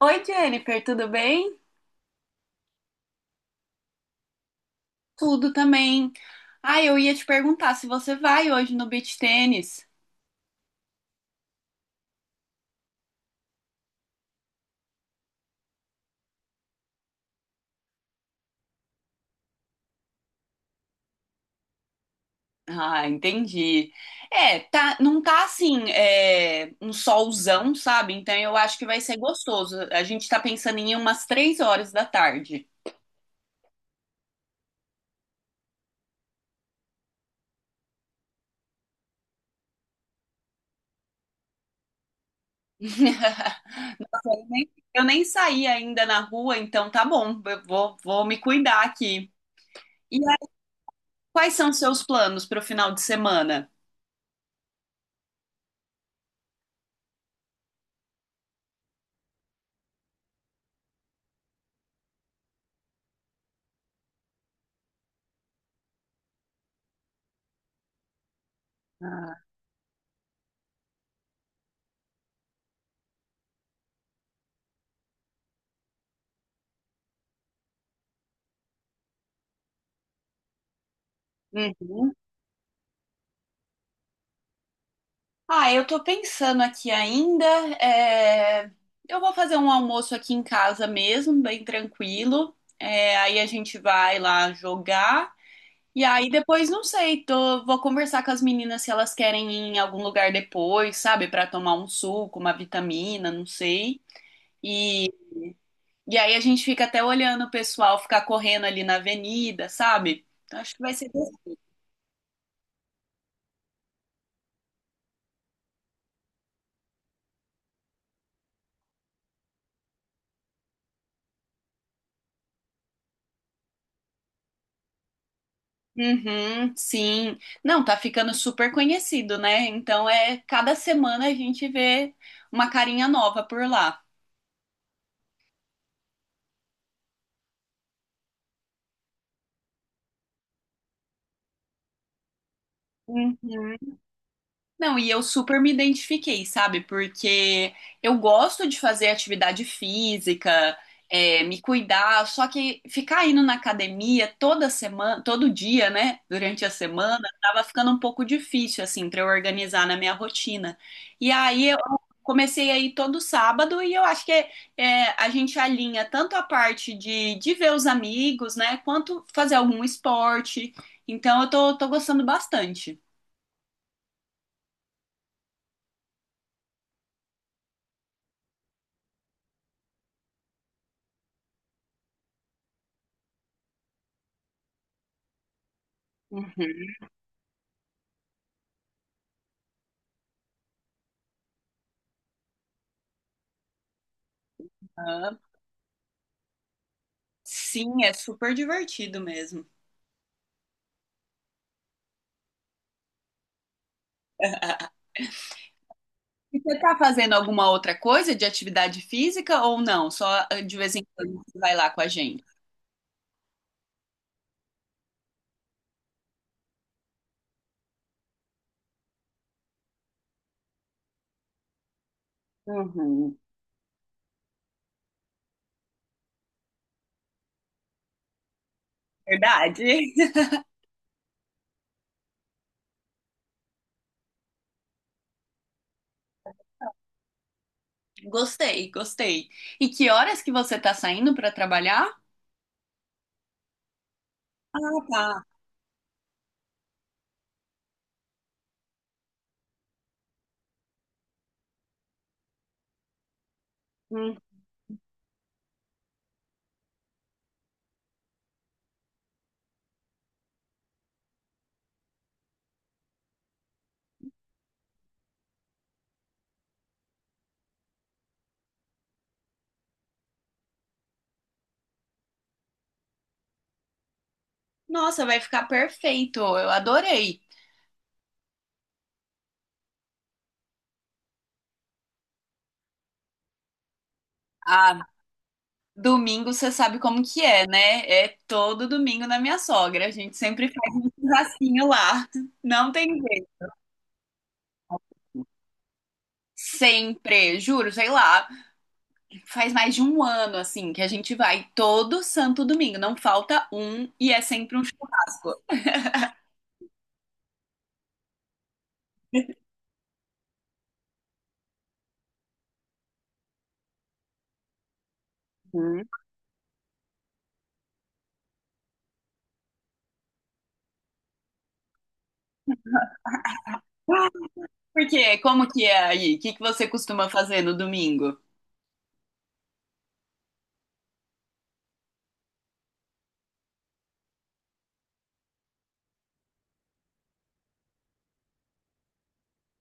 Oi, Jennifer, tudo bem? Tudo também. Ah, eu ia te perguntar se você vai hoje no beach tênis. Ah, entendi. É, tá, não tá assim, um solzão, sabe? Então eu acho que vai ser gostoso. A gente tá pensando em ir umas 3 horas da tarde. Eu nem saí ainda na rua, então tá bom, vou me cuidar aqui. E aí, quais são seus planos para o final de semana? Ah. Uhum. Ah, eu tô pensando aqui ainda. é, Eu vou fazer um almoço aqui em casa mesmo, bem tranquilo. É, aí a gente vai lá jogar. E aí depois, não sei, vou conversar com as meninas se elas querem ir em algum lugar depois, sabe? Pra tomar um suco, uma vitamina, não sei. E, e aí a gente fica até olhando o pessoal ficar correndo ali na avenida, sabe? Então acho que vai ser. Uhum, sim. Não, tá ficando super conhecido, né? Então é cada semana a gente vê uma carinha nova por lá. Uhum. Não, e eu super me identifiquei, sabe? Porque eu gosto de fazer atividade física, me cuidar, só que ficar indo na academia toda semana, todo dia, né? Durante a semana, tava ficando um pouco difícil, assim, pra eu organizar na minha rotina. E aí eu comecei a ir todo sábado e eu acho que a gente alinha tanto a parte de ver os amigos, né? Quanto fazer algum esporte. Então eu tô gostando bastante. Uhum. Sim, é super divertido mesmo. E você está fazendo alguma outra coisa de atividade física ou não? Só de vez em quando você vai lá com a gente. Uhum. Verdade. Gostei, gostei. E que horas que você está saindo para trabalhar? Ah, tá. Hum. Nossa, vai ficar perfeito. Eu adorei. Ah, domingo você sabe como que é, né? É todo domingo na minha sogra. A gente sempre faz um churrasquinho lá. Não tem jeito. Sempre, juro, sei lá. Faz mais de um ano, assim, que a gente vai todo santo domingo. Não falta um e é sempre um churrasco. Uhum. Por Como que é aí? O que que você costuma fazer no domingo?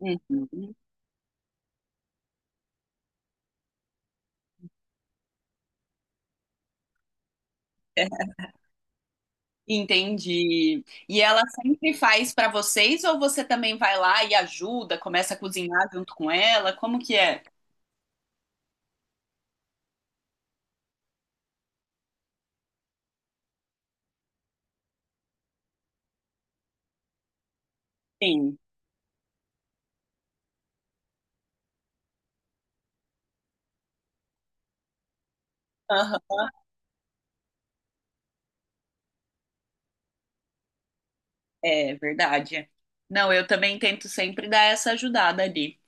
Uhum. Entendi. E ela sempre faz pra vocês ou você também vai lá e ajuda, começa a cozinhar junto com ela? Como que é? Sim. Aham. É verdade. Não, eu também tento sempre dar essa ajudada ali.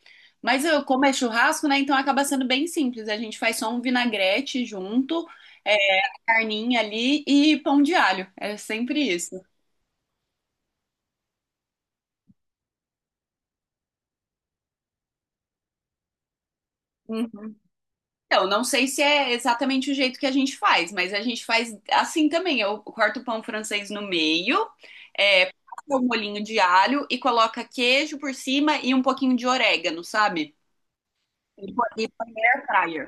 Mas eu, como é churrasco, né? Então acaba sendo bem simples. A gente faz só um vinagrete junto, a carninha ali e pão de alho. É sempre isso. Uhum. Então, não sei se é exatamente o jeito que a gente faz, mas a gente faz assim também. Eu corto o pão francês no meio, passo o molhinho de alho e coloca queijo por cima e um pouquinho de orégano, sabe? E põe na air fryer.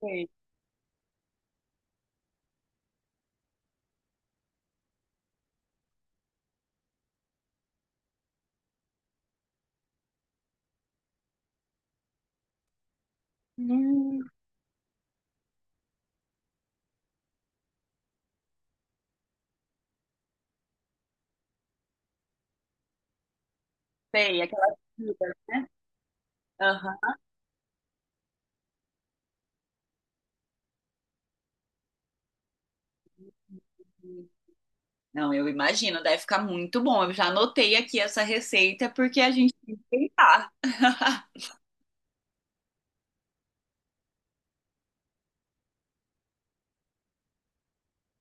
Sei. Hum, sei, aquela comida, né? Aham. Não, eu imagino, deve ficar muito bom. Eu já anotei aqui essa receita porque a gente tem que tentar.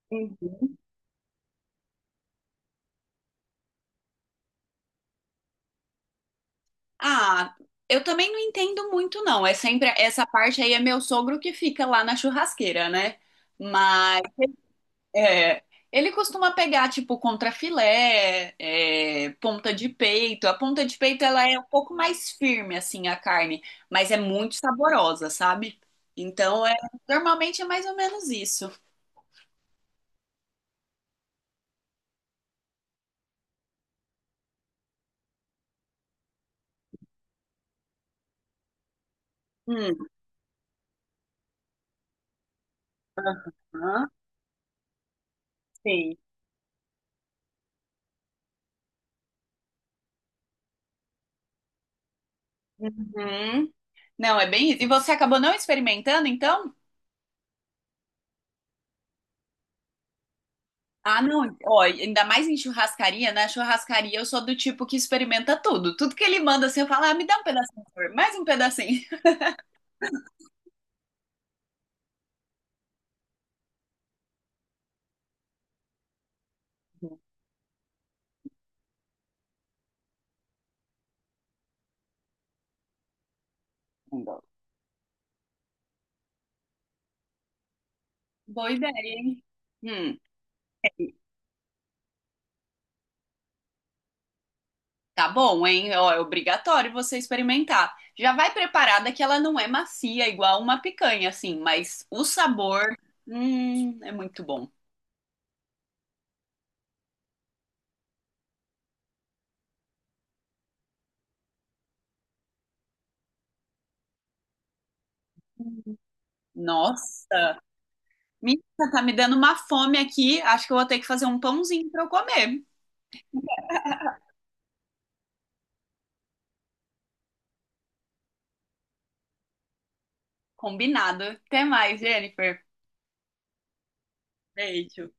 Uhum. Ah, eu também não entendo muito, não. É sempre essa parte aí é meu sogro que fica lá na churrasqueira, né? Mas é, ele costuma pegar tipo contrafilé, ponta de peito. A ponta de peito ela é um pouco mais firme assim a carne, mas é muito saborosa, sabe? Então é Normalmente é mais ou menos isso. Hum. Aham. Sim. Uhum. Não, é bem isso. E você acabou não experimentando, então? Ah, não. Ó, ainda mais em churrascaria, na churrascaria eu sou do tipo que experimenta tudo. Tudo que ele manda, assim, eu falo, ah, me dá um pedacinho, por favor. Mais um pedacinho. Não. Boa ideia, hein? Hum, tá bom, hein? Ó, é obrigatório você experimentar. Já vai preparada que ela não é macia, igual uma picanha, assim, mas o sabor, é muito bom. Nossa. Menina, tá me dando uma fome aqui. Acho que eu vou ter que fazer um pãozinho pra eu comer. Combinado. Até mais, Jennifer. Beijo.